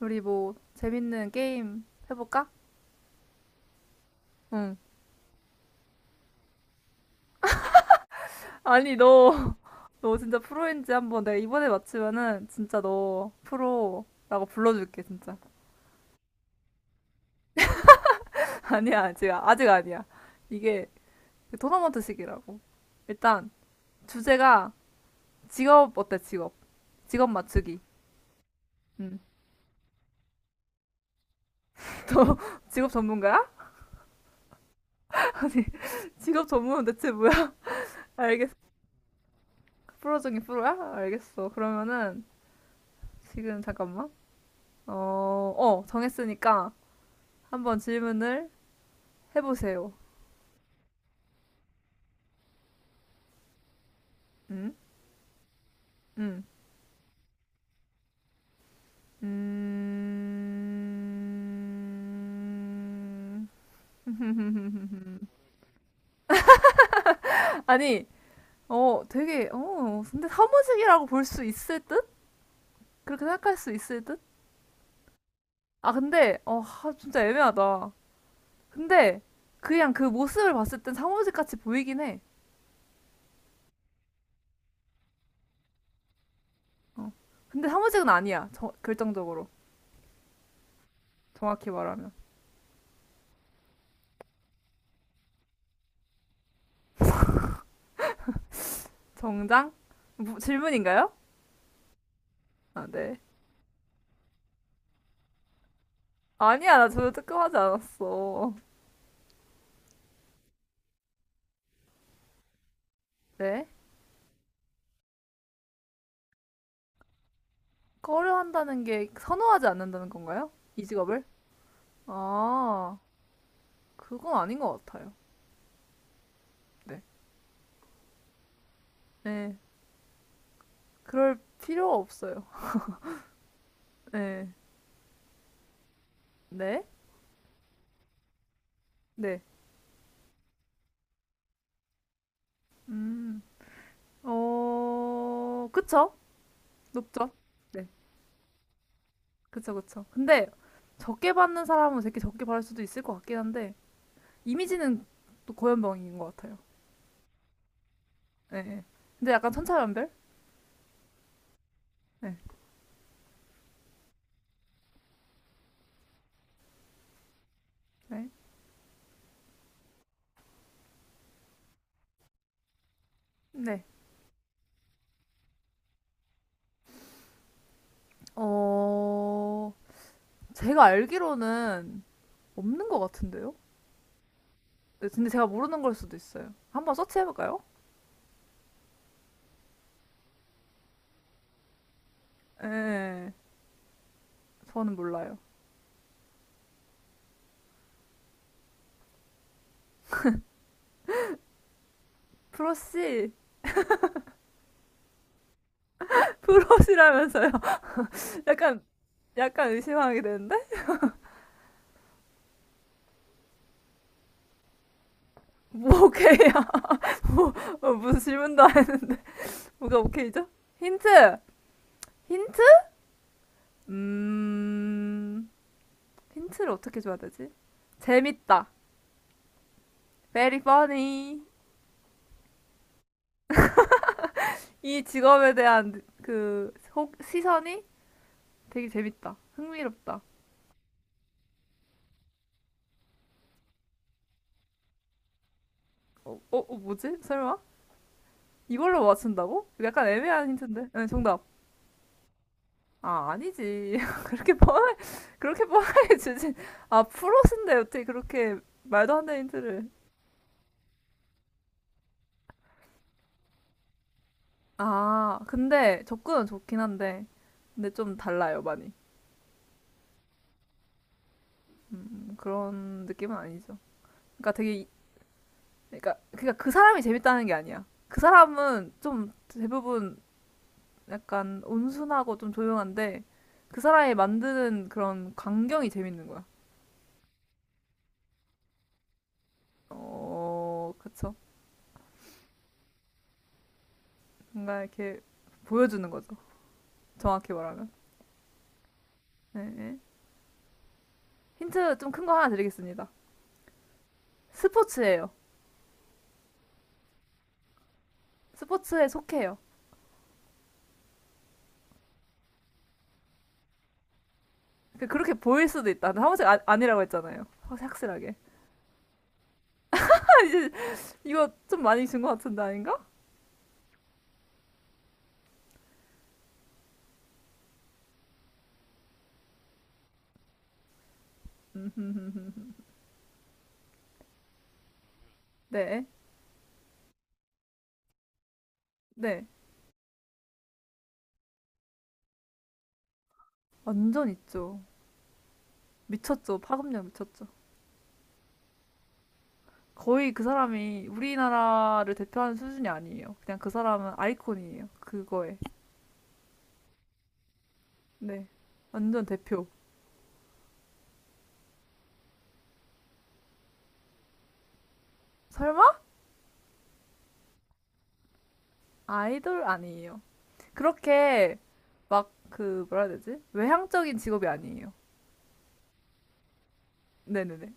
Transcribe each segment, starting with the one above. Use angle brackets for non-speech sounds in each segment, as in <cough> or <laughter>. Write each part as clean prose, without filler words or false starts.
우리 뭐 재밌는 게임 해볼까? 응. 아니, 너 진짜 프로인지 한번 내가 이번에 맞추면은 진짜 너 프로라고 불러줄게 진짜. <laughs> 아니야, 지금 아직 아니야. 이게 토너먼트식이라고. 일단 주제가 직업 어때, 직업? 직업 맞추기. 응. <laughs> 너 직업 전문가야? <laughs> 아니, 직업 전문은 대체 뭐야? <laughs> 알겠어. 프로 중에 프로야? 알겠어. 그러면은 지금 잠깐만. 어, 정했으니까 한번 질문을 해보세요. 음? 음. 음... 아니, 근데 사무직이라고 볼 수 있을 듯? 그렇게 생각할 수 있을 듯? 진짜 애매하다. 근데, 그냥 그 모습을 봤을 땐 사무직 같이 보이긴 해. 어. 근데 사무직은 아니야. 저, 결정적으로. 정확히 말하면. 정장? 뭐 질문인가요? 아, 네. 아니야, 나 전혀 뜨끔하지 않았어. 네. 꺼려한다는 게 선호하지 않는다는 건가요? 이 직업을? 아, 그건 아닌 것 같아요. 네, 네, 그럴 필요가 없어요. 네, 네, 네, 음, 어, 그쵸? 높죠? 네, 그쵸, 그쵸. 근데 적게 받는 사람은 되게 적게 받을 수도 있을 것 같긴 한데 이미지는 또 고연병인 것 같아요. 네, 네. 근데 약간 천차만별? 네, 네, 네. 어, 제가 알기로는 없는 것 같은데요? 네, 근데 제가 모르는 걸 수도 있어요. 한번 서치해볼까요? 예, 저는 몰라요. 프로씨, <laughs> 프로씨라면서요. <laughs> 약간, 약간 의심하게 되는데? 뭐, 오케이야. <laughs> 뭐, 어, 무슨 질문도 안 해. 뭐가 오케이죠? 힌트! 힌트? 음, 힌트를 어떻게 줘야 되지? 재밌다. Very funny. 이 직업에 대한 그, 혹, 시선이 되게 재밌다. 흥미롭다. 뭐지? 설마? 이걸로 맞춘다고? 약간 애매한 힌트인데. 네, 정답. 아, 아니지. <laughs> 그렇게 뻔해, 그렇게 뻔하게 주진. 아, 프로신데 어떻게 그렇게 말도 안 되는 힌트를. 아, 근데 접근은 좋긴 한데. 근데 좀 달라요, 많이. 그런 느낌은 아니죠. 그러니까 되게, 이- 그러니까, 그러니까 그 사람이 재밌다는 게 아니야. 그 사람은 좀 대부분 약간 온순하고 좀 조용한데 그 사람이 만드는 그런 광경이 재밌는 거야. 어, 그쵸. 뭔가 이렇게 보여주는 거죠. 정확히 말하면. 네, 네. 힌트 좀 큰 거 하나 드리겠습니다. 스포츠예요. 스포츠에 속해요. 렇게 보일 수도 있다. 근데 한 번씩 아, 아니라고 했잖아요. 확실하게. <laughs> 이제 이거 좀 많이 준 것 같은데 아닌가? <laughs> 네, 네. 완전 있죠. 미쳤죠. 파급력 미쳤죠. 거의 그 사람이 우리나라를 대표하는 수준이 아니에요. 그냥 그 사람은 아이콘이에요. 그거에. 네. 완전 대표. 설마? 아이돌 아니에요. 그렇게 막 그 뭐라 해야 되지? 외향적인 직업이 아니에요. 네네네.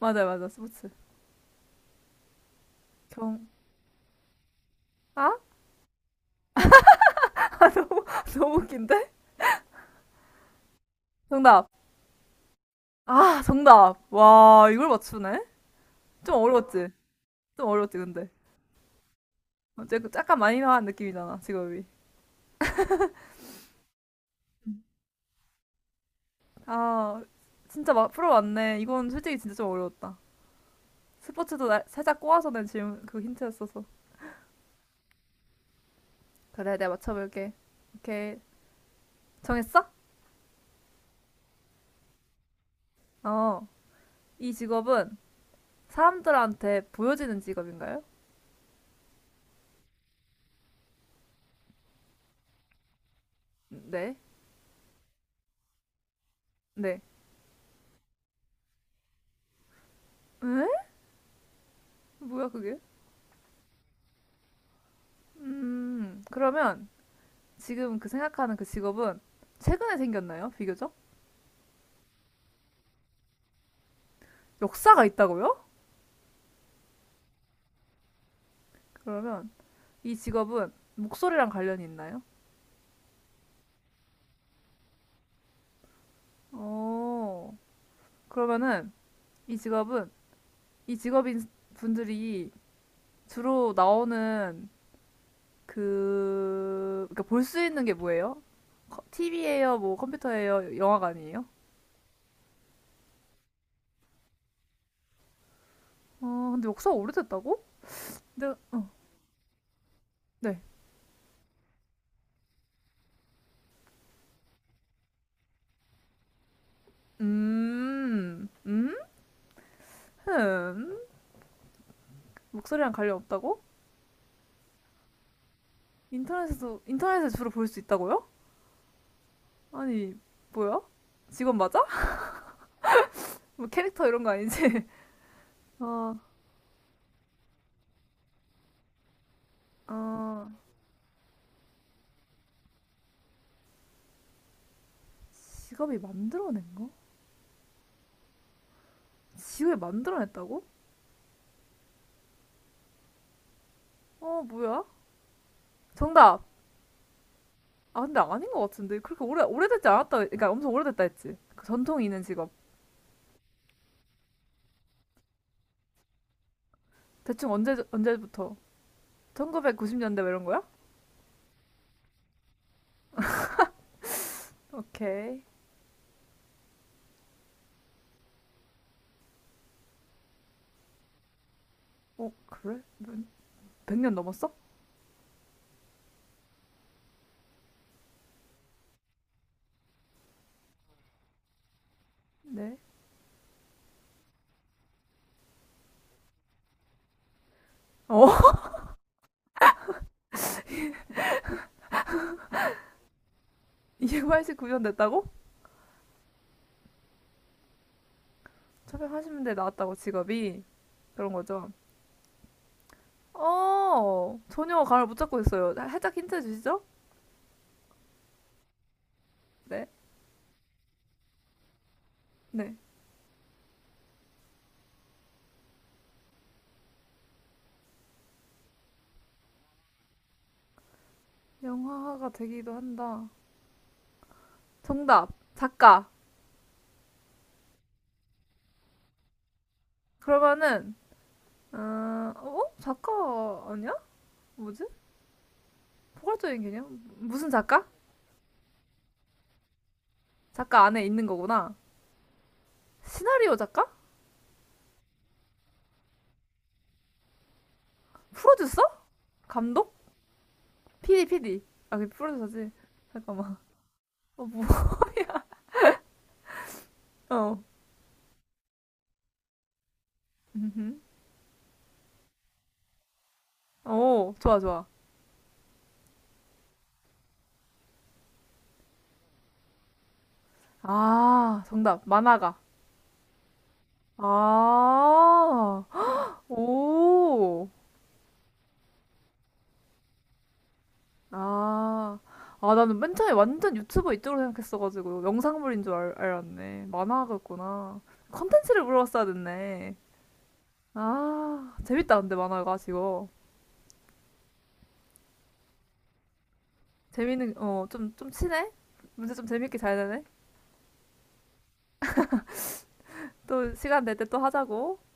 맞아요, 맞아. 스포츠. 경, 아? <laughs> 아, 너무, 너무 웃긴데? 정답. 아, 정답. 와, 이걸 맞추네? 좀 어려웠지? 좀 어려웠지, 근데. 어쨌 약간 많이 나간 느낌이잖아, 직업이. 아, 진짜 막 프로 왔네. 이건 솔직히 진짜 좀 어려웠다. 살짝 꼬아서 낸 질문, 그 힌트였어서. 그래, 내가 맞춰볼게. 오케이. 정했어? 어. 이 직업은 사람들한테 보여지는 직업인가요? 네. 네. 에? 뭐야 그게? 그러면 지금 그 생각하는 그 직업은 최근에 생겼나요? 비교적? 역사가 있다고요? 그러면 이 직업은 목소리랑 관련이 있나요? 어, 그러면은 이 직업은 이 직업인 분들이 주로 나오는 그, 그러니까 볼 수 있는 게 뭐예요? TV예요? 뭐 컴퓨터예요? 영화관이에요? 어, 근데 역사가 오래됐다고? 근데, 어, 네. 음, 음, 흠. 목소리랑 관련 없다고? 인터넷에서 주로 볼 수 있다고요? 아니, 뭐야? 직업 맞아? <laughs> 뭐 캐릭터 이런 거 아니지? <laughs> 어, 어, 직업이 만들어낸 거? 직업이 만들어냈다고? 어, 뭐야? 정답! 아, 근데 아닌 것 같은데. 오래됐지 않았다. 그러니까 엄청 오래됐다 했지. 그 전통이 있는 직업. 대충 언제부터? 1990년대 뭐 이런 거야? 오케이. 어, 그래? 백 100년 넘었어? 네. 어. 2 8 9 구현됐다고? 차별0년대데 나왔다고 직업이 그런 거죠. 어 전혀 감을 못 잡고 있어요. 살짝 힌트 주시죠? 네, 네. 영화가 되기도 한다. 정답 작가. 그러면은 어, 어? 작가 아니야? 뭐지? 포괄적인 개념? 무슨 작가? 작가 안에 있는 거구나. 시나리오 작가? 프로듀서? 감독? PD, PD. 아, 그 프로듀서지. 잠깐만. 어, 뭐. 어. <laughs> 음, 음. 오, 좋아, 좋아. 아, 정답. 만화가. 아, 오. 아, 아, 나는 맨 처음에 완전 유튜버 이쪽으로 생각했어가지고 영상물인 줄 알, 알았네. 만화가였구나. 컨텐츠를 물어봤어야 됐네. 아, 재밌다, 근데 만화가 지금. 재밌는, 어, 좀, 좀 친해? 문제 좀 재밌게 잘 되네? 또 시간 될 때 또 하자고.